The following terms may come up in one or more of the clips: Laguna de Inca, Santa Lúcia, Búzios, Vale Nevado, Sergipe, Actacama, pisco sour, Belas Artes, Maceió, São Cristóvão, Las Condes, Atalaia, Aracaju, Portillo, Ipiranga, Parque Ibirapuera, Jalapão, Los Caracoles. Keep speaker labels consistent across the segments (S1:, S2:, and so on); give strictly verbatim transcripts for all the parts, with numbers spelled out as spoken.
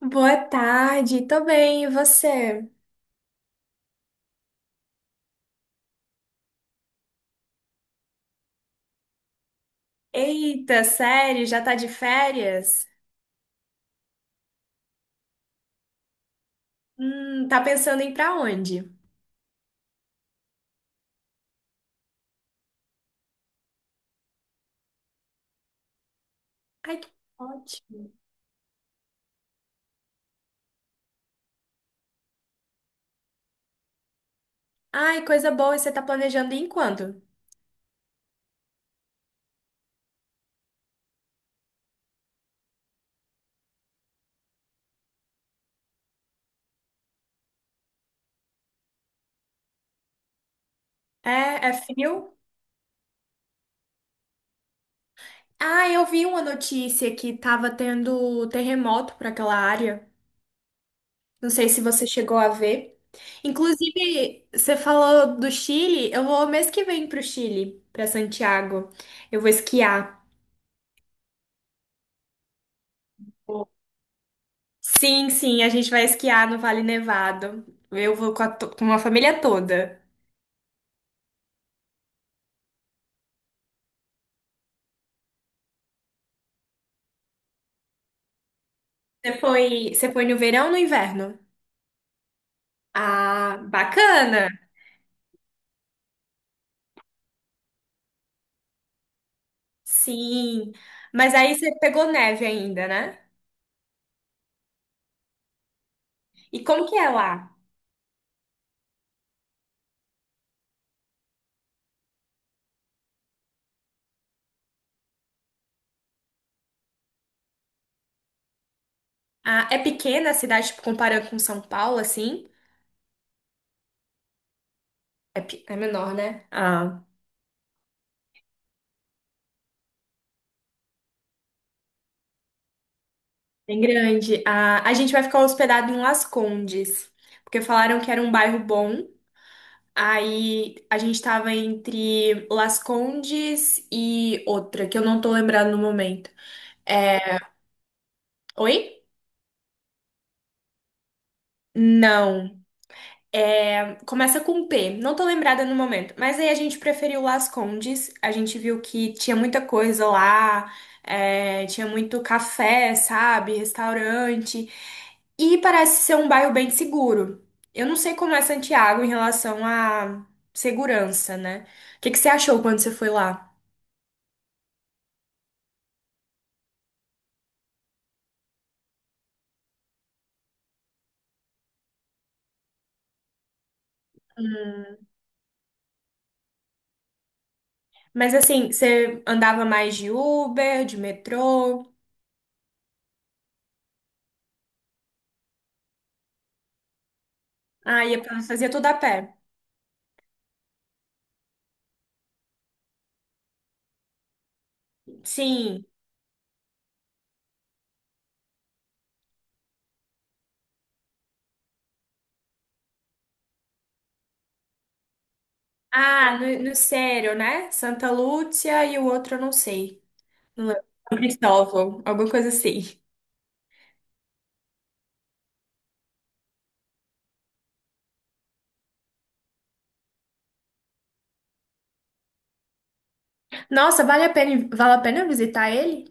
S1: Boa tarde, tô bem, e você? Eita, sério, já tá de férias? Hum, tá pensando em ir pra onde? Ai, que ótimo. Ai, coisa boa, você tá planejando ir em quando? É, é frio? Ah, eu vi uma notícia que tava tendo terremoto pra aquela área. Não sei se você chegou a ver. Inclusive, você falou do Chile, eu vou mês que vem pro Chile, pra Santiago. Eu vou esquiar. Sim, sim, a gente vai esquiar no Vale Nevado. Eu vou com a, to- com a família toda. Você foi, você foi no verão ou no inverno? Ah, bacana! Sim. Mas aí você pegou neve ainda, né? E como que é lá? Ah, é pequena a cidade, tipo, comparando com São Paulo, assim? É, pe- é menor, né? Ah, bem grande. Ah, a gente vai ficar hospedado em Las Condes, porque falaram que era um bairro bom. Aí a gente tava entre Las Condes e outra, que eu não tô lembrando no momento. É, oi? Não. É, começa com P. Não tô lembrada no momento. Mas aí a gente preferiu Las Condes. A gente viu que tinha muita coisa lá. É, tinha muito café, sabe? Restaurante. E parece ser um bairro bem seguro. Eu não sei como é Santiago em relação à segurança, né? O que que você achou quando você foi lá? Mas assim, você andava mais de Uber, de metrô? Ah, ia pra- fazia tudo a pé. Sim. Ah, no, no Sério, né? Santa Lúcia e o outro eu não sei. Não lembro. São Cristóvão, alguma coisa assim. Nossa, vale a pena, vale a pena visitar ele?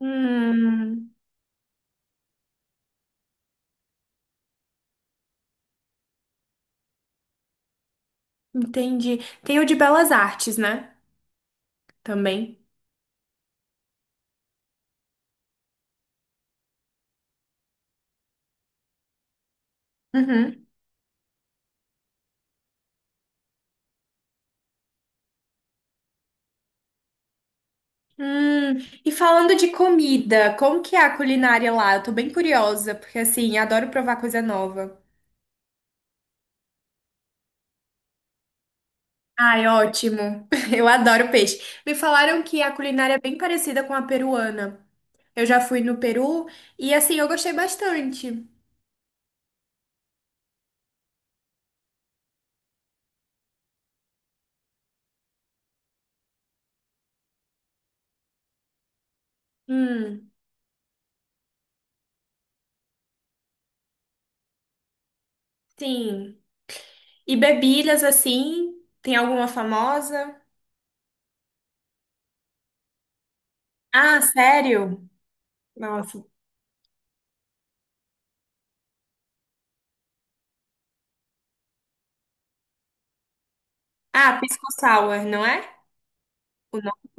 S1: Hum, entendi. Tem o de Belas Artes, né? Também. Uhum. Hum, e falando de comida, como que é a culinária lá? Eu tô bem curiosa, porque assim, adoro provar coisa nova. Ai, ótimo. Eu adoro peixe. Me falaram que a culinária é bem parecida com a peruana. Eu já fui no Peru e assim eu gostei bastante. Hum, sim. E bebidas assim? Tem alguma famosa? Ah, sério? Nossa. Ah, pisco sour, não é? O nome?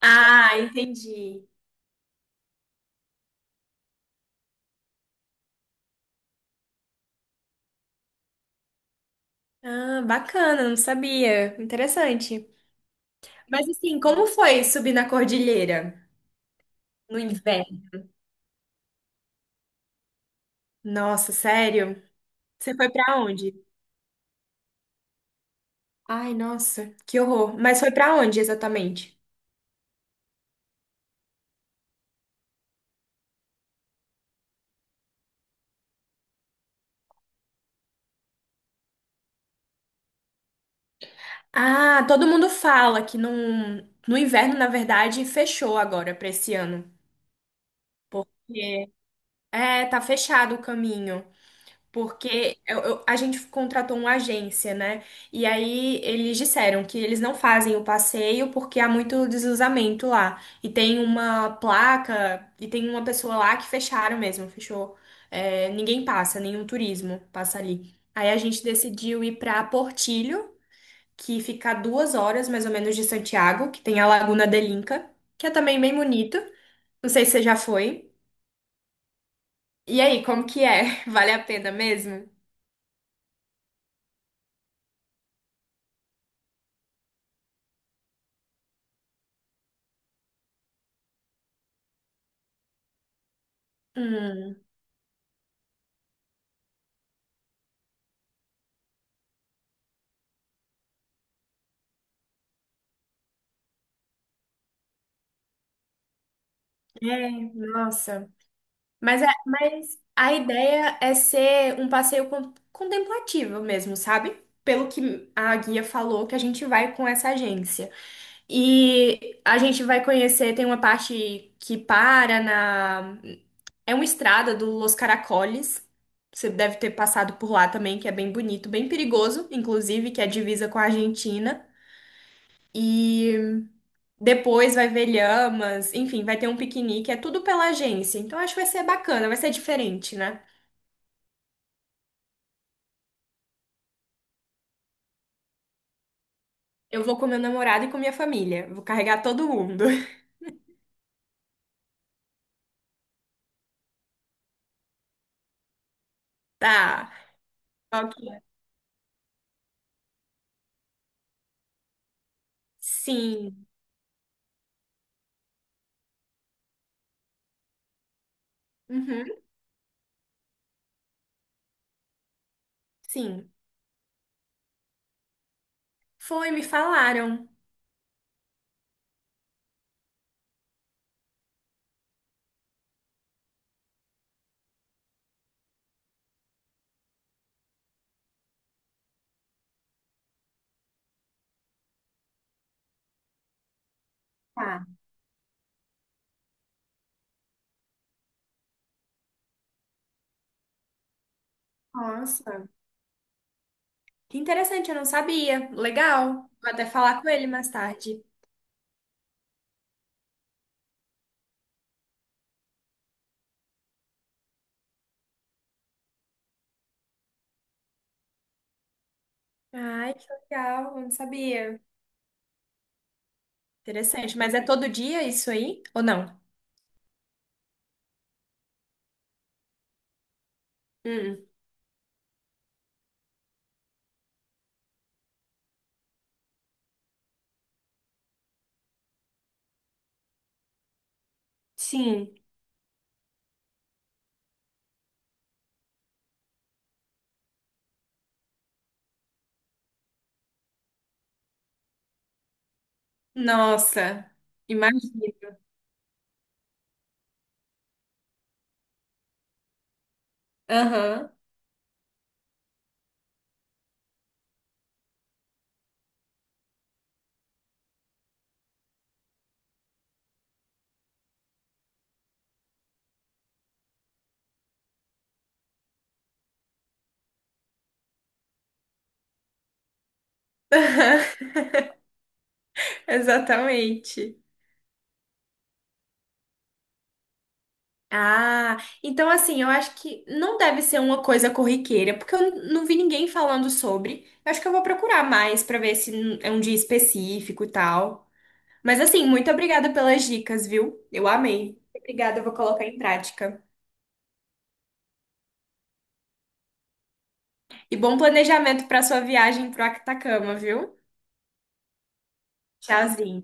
S1: Ah, entendi. Ah, bacana, não sabia. Interessante. Mas assim, como foi subir na cordilheira no inverno? Nossa, sério? Você foi pra onde? Ai, nossa, que horror. Mas foi pra onde exatamente? Ah, todo mundo fala que num- no inverno, na verdade, fechou agora pra esse ano. É, é, tá fechado o caminho. Porque eu- eu- a gente contratou uma agência, né? E aí eles disseram que eles não fazem o passeio porque há muito deslizamento lá. E tem uma placa, e tem uma pessoa lá que fecharam mesmo, fechou. É, ninguém passa, nenhum turismo passa ali. Aí a gente decidiu ir para Portillo, que fica a duas horas mais ou menos de Santiago, que tem a Laguna de Inca, que é também bem bonito. Não sei se você já foi. E aí, como que é? Vale a pena mesmo? É, nossa. Mas, é- mas a ideia é ser um passeio con- contemplativo mesmo, sabe? Pelo que a guia falou, que a gente vai com essa agência. E a gente vai conhecer, tem uma parte que para na. É uma estrada do Los Caracoles. Você deve ter passado por lá também, que é bem bonito, bem perigoso, inclusive, que é divisa com a Argentina. Depois vai ver lhamas, enfim, vai ter um piquenique, é tudo pela agência. Então acho que vai ser bacana, vai ser diferente, né? Eu vou com meu namorado e com minha família, vou carregar todo mundo. Tá. Ok. Sim. Uhum, sim. Foi, me falaram. Tá. Nossa. Que interessante, eu não sabia. Legal. Vou até falar com ele mais tarde. Ai, que legal, eu não sabia. Interessante, mas é todo dia isso aí? Ou não? Hum, sim. Nossa, imagino. Aham. Aham, exatamente. Ah, então assim, eu acho que não deve ser uma coisa corriqueira, porque eu n- não vi ninguém falando sobre. Eu acho que eu vou procurar mais pra ver se n- é um dia específico e tal. Mas assim, muito obrigada pelas dicas, viu? Eu amei. Obrigada, eu vou colocar em prática. E bom planejamento pra sua viagem pro Actacama, viu? Tchauzinho.